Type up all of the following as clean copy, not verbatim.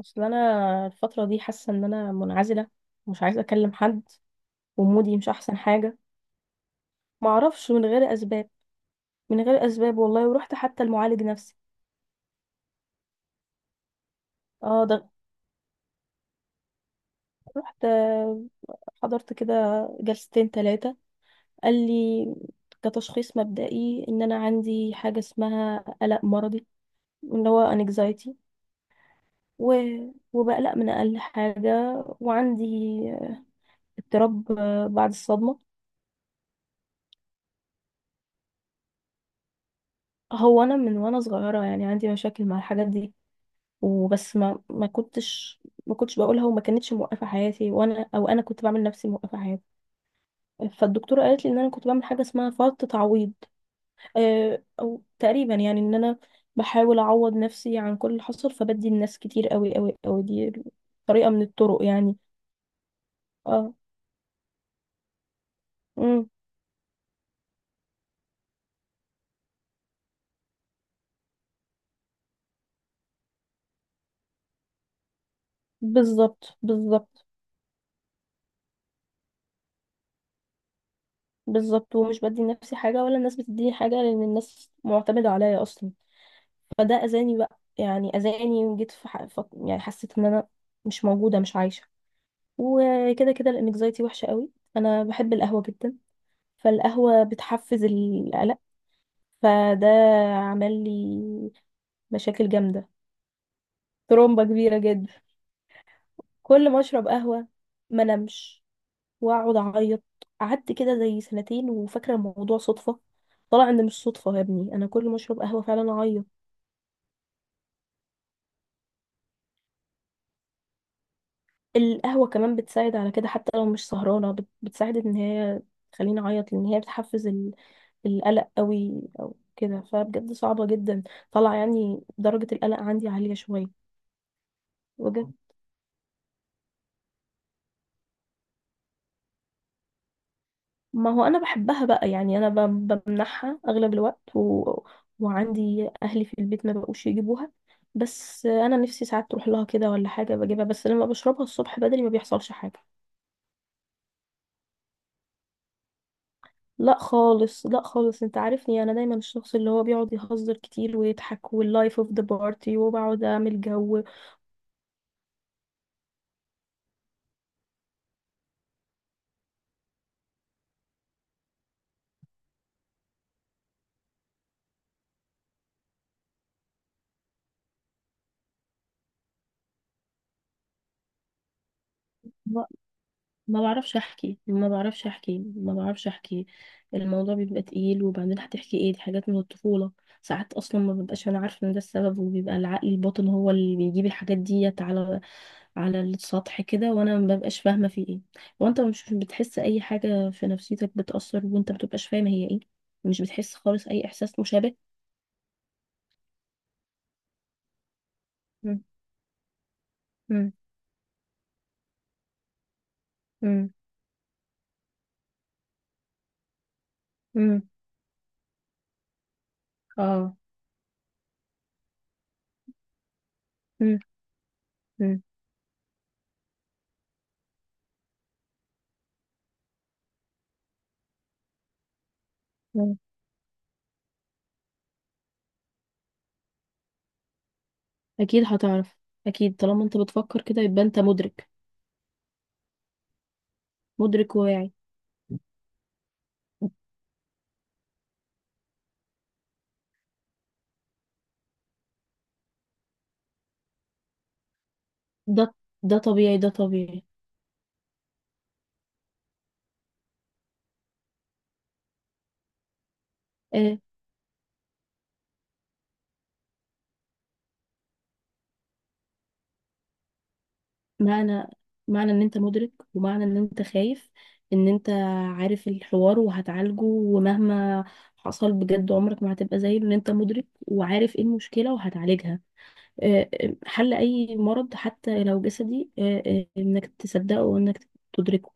اصل انا الفتره دي حاسه ان انا منعزله. مش عايزه اكلم حد. ومودي مش احسن حاجه. ما اعرفش من غير اسباب، من غير اسباب والله. ورحت حتى المعالج نفسي. اه ده رحت، حضرت كده جلستين ثلاثه. قال لي كتشخيص مبدئي ان انا عندي حاجه اسمها قلق مرضي، اللي هو انكزايتي. و... وبقلق من اقل حاجه، وعندي اضطراب بعد الصدمه. هو انا من وانا صغيره يعني عندي مشاكل مع الحاجات دي. وبس ما كنتش بقولها، وما كانتش موقفة حياتي، وانا او انا كنت بعمل نفسي موقفة حياتي. فالدكتورة قالت لي ان انا كنت بعمل حاجة اسمها فرط تعويض، او تقريبا يعني ان انا بحاول اعوض نفسي عن كل اللي حصل، فبدي الناس كتير قوي قوي قوي. دي طريقة من الطرق يعني. اه امم بالظبط، بالظبط، بالظبط. ومش بدي لنفسي حاجة، ولا الناس بتديني حاجة، لأن الناس معتمدة عليا أصلا. فده أذاني بقى، يعني أذاني. وجيت يعني حسيت إن أنا مش موجودة، مش عايشة. وكده كده الانكزايتي وحشة قوي. انا بحب القهوة جدا، فالقهوة بتحفز القلق، فده عمل لي مشاكل جامدة. ترومبة كبيرة جدا. كل ما اشرب قهوة ما نمش، واقعد اعيط. قعدت كده زي سنتين وفاكرة الموضوع صدفة، طلع ان مش صدفة يا ابني. انا كل ما اشرب قهوة فعلا اعيط. القهوة كمان بتساعد على كده، حتى لو مش سهرانة، بتساعد ان هي تخليني اعيط، لان هي بتحفز القلق قوي او كده، فبجد صعبة جدا. طلع يعني درجة القلق عندي عالية شوية. بجد. ما هو انا بحبها بقى، يعني انا بمنحها اغلب الوقت وعندي اهلي في البيت ما بقوش يجيبوها. بس انا نفسي ساعات تروح لها كده ولا حاجة بجيبها، بس لما بشربها الصبح بدري ما بيحصلش حاجة. لا خالص، لا خالص، انت عارفني انا دايما الشخص اللي هو بيقعد يهزر كتير ويضحك، واللايف اوف ذا بارتي، وبقعد اعمل جو. ما ما بعرفش احكي، ما بعرفش احكي، ما بعرفش احكي. الموضوع بيبقى تقيل، وبعدين هتحكي ايه؟ دي حاجات من الطفولة. ساعات اصلا ما ببقاش انا عارفة ان ده السبب، وبيبقى العقل الباطن هو اللي بيجيب الحاجات ديت على السطح كده، وانا ما ببقاش فاهمة في ايه. وانت مش بتحس اي حاجة في نفسيتك بتأثر، وانت ما بتبقاش فاهمة هي ايه. مش بتحس خالص اي احساس مشابه. مم. امم، امم. اه. امم، امم. أمم. اكيد هتعرف. اكيد طالما انت بتفكر كده يبقى انت مدرك. مدرك وواعي. ده ده طبيعي، ده طبيعي. آه. معنى معنى ان انت مدرك، ومعنى ان انت خايف، ان انت عارف الحوار وهتعالجه. ومهما حصل بجد، عمرك ما هتبقى زي ان انت مدرك وعارف ايه المشكلة وهتعالجها. حل أي مرض حتى لو جسدي إنك تصدقه وإنك تدركه.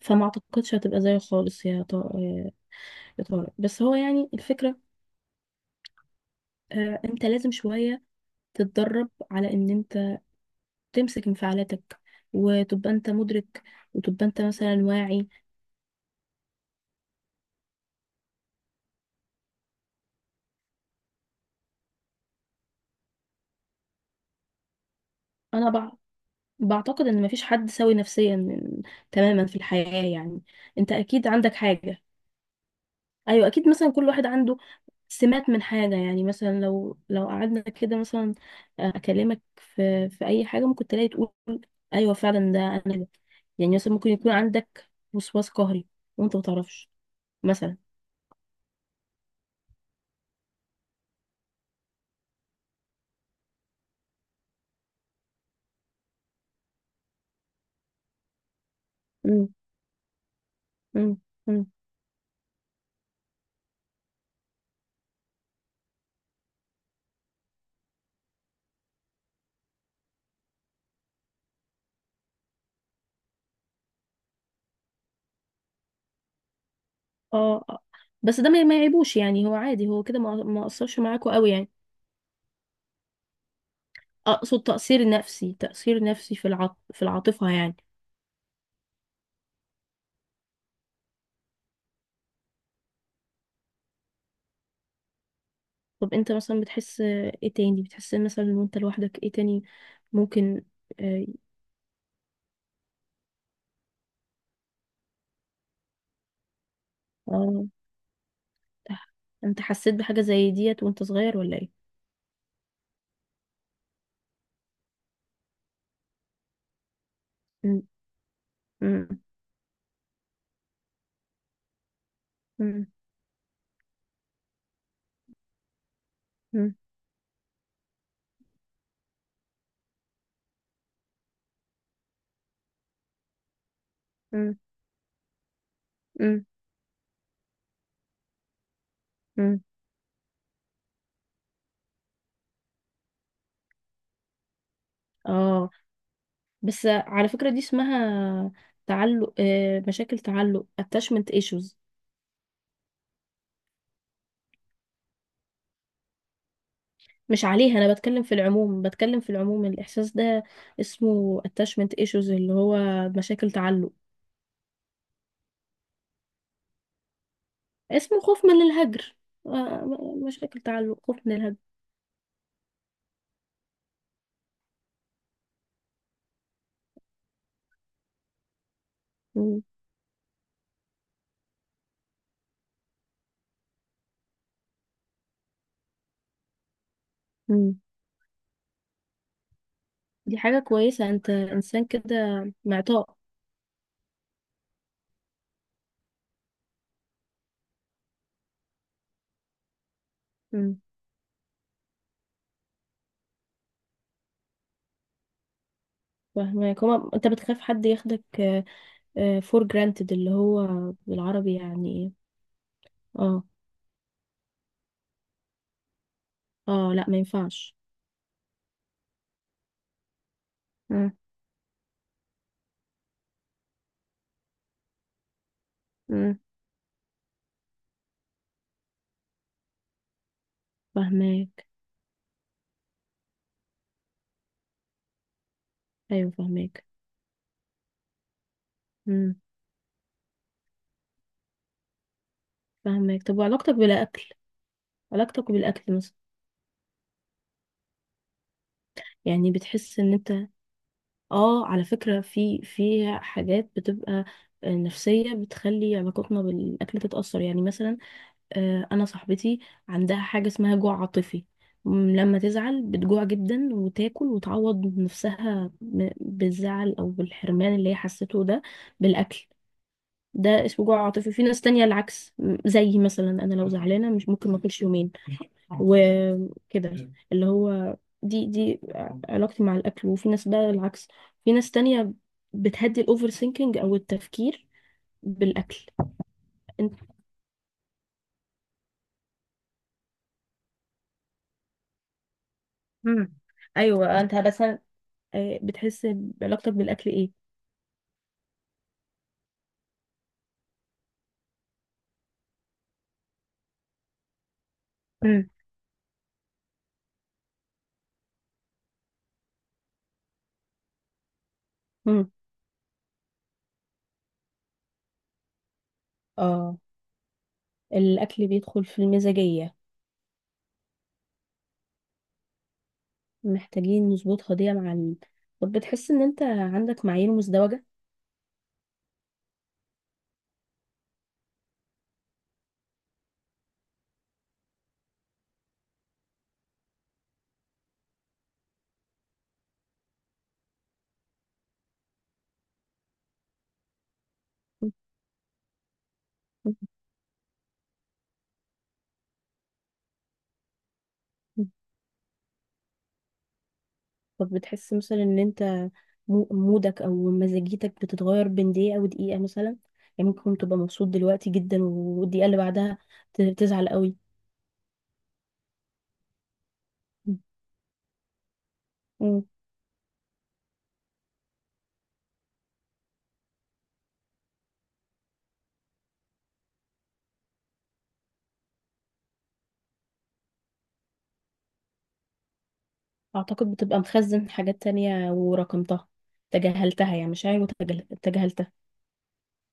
فما أعتقدش هتبقى زيه خالص، يا يا طارق. بس هو يعني الفكرة، أنت لازم شوية تتدرب على إن أنت تمسك انفعالاتك، وتبقى أنت مدرك، وتبقى أنت مثلا واعي. أنا بعتقد إن مفيش حد سوي نفسيا تماما في الحياة يعني. أنت أكيد عندك حاجة. أيوة أكيد، مثلا كل واحد عنده سمات من حاجة. يعني مثلا لو قعدنا كده مثلا، أكلمك في أي حاجة، ممكن تلاقي تقول أيوة فعلا ده أنا ده. يعني مثلا ممكن يكون عندك وسواس قهري وأنت متعرفش مثلا. مم. مم. مم. اه. آه. بس ده ما يعيبوش، يعني هو عادي، هو كده ما أثرش معاكوا قوي يعني. أقصد تأثير نفسي، تأثير نفسي في العاطفة يعني. طب أنت مثلا بتحس إيه تاني؟ بتحس مثلا وأنت لوحدك إيه تاني؟ ممكن. آه انت حسيت بحاجة زي ديت وانت صغير ولا ايه؟ مم. مم. مم. مم. مم. مم. مم. اه، بس على فكرة دي اسمها تعلق، مشاكل تعلق، attachment issues. مش عليها انا بتكلم، في العموم بتكلم، في العموم الاحساس ده اسمه attachment issues، اللي هو مشاكل تعلق. اسمه خوف من الهجر، مشاكل تعلق، خوف من الهجر. مم. مم. دي حاجة كويسة، انت انسان كده، معطاء. فاهمك. هو انت بتخاف حد ياخدك فور جرانتد، اللي هو بالعربي يعني ايه. اه، اه، لا ما ينفعش. مم، مم، فاهماك. ايوه فاهماك. مم، فاهماك. طب وعلاقتك بالاكل؟ علاقتك بالاكل مثلا، يعني بتحس ان انت، اه على فكرة في حاجات بتبقى نفسية بتخلي علاقتنا بالاكل تتأثر. يعني مثلا انا صاحبتي عندها حاجه اسمها جوع عاطفي، لما تزعل بتجوع جدا وتاكل وتعوض نفسها بالزعل او بالحرمان اللي هي حسيته ده، بالاكل. ده اسمه جوع عاطفي. في ناس تانية العكس، زي مثلا انا لو زعلانه مش ممكن ما اكلش يومين وكده، اللي هو دي علاقتي مع الاكل. وفي ناس بقى العكس، في ناس تانية بتهدي الاوفر ثينكينج، او التفكير، بالاكل. انت. مم. ايوه انت، بس بتحس بعلاقتك بالاكل ايه؟ مم. مم. اه. الاكل بيدخل في المزاجيه، محتاجين نظبطها دي مع طب بتحس ان انت عندك معايير مزدوجه؟ مم. مم. طب بتحس مثلا ان انت، مودك او مزاجيتك بتتغير بين دقيقه ودقيقه مثلا؟ يعني ممكن تبقى مبسوط دلوقتي جدا، والدقيقه اللي بعدها تزعل قوي. مم. مم. اعتقد بتبقى مخزن حاجات تانية ورقمتها، تجاهلتها، يعني مشاعر، وتجاهلتها.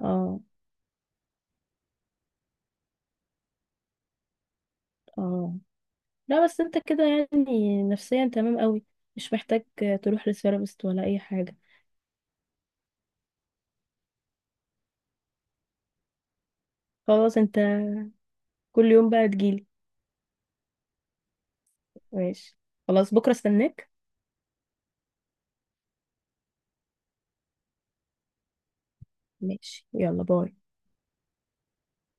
اه، اه، لا بس انت كده يعني نفسيا تمام قوي، مش محتاج تروح لثيرابيست ولا اي حاجة. خلاص انت، كل يوم بقى تجيلي. ماشي. خلاص، بكرة استناك. ماشي، يلا، باي.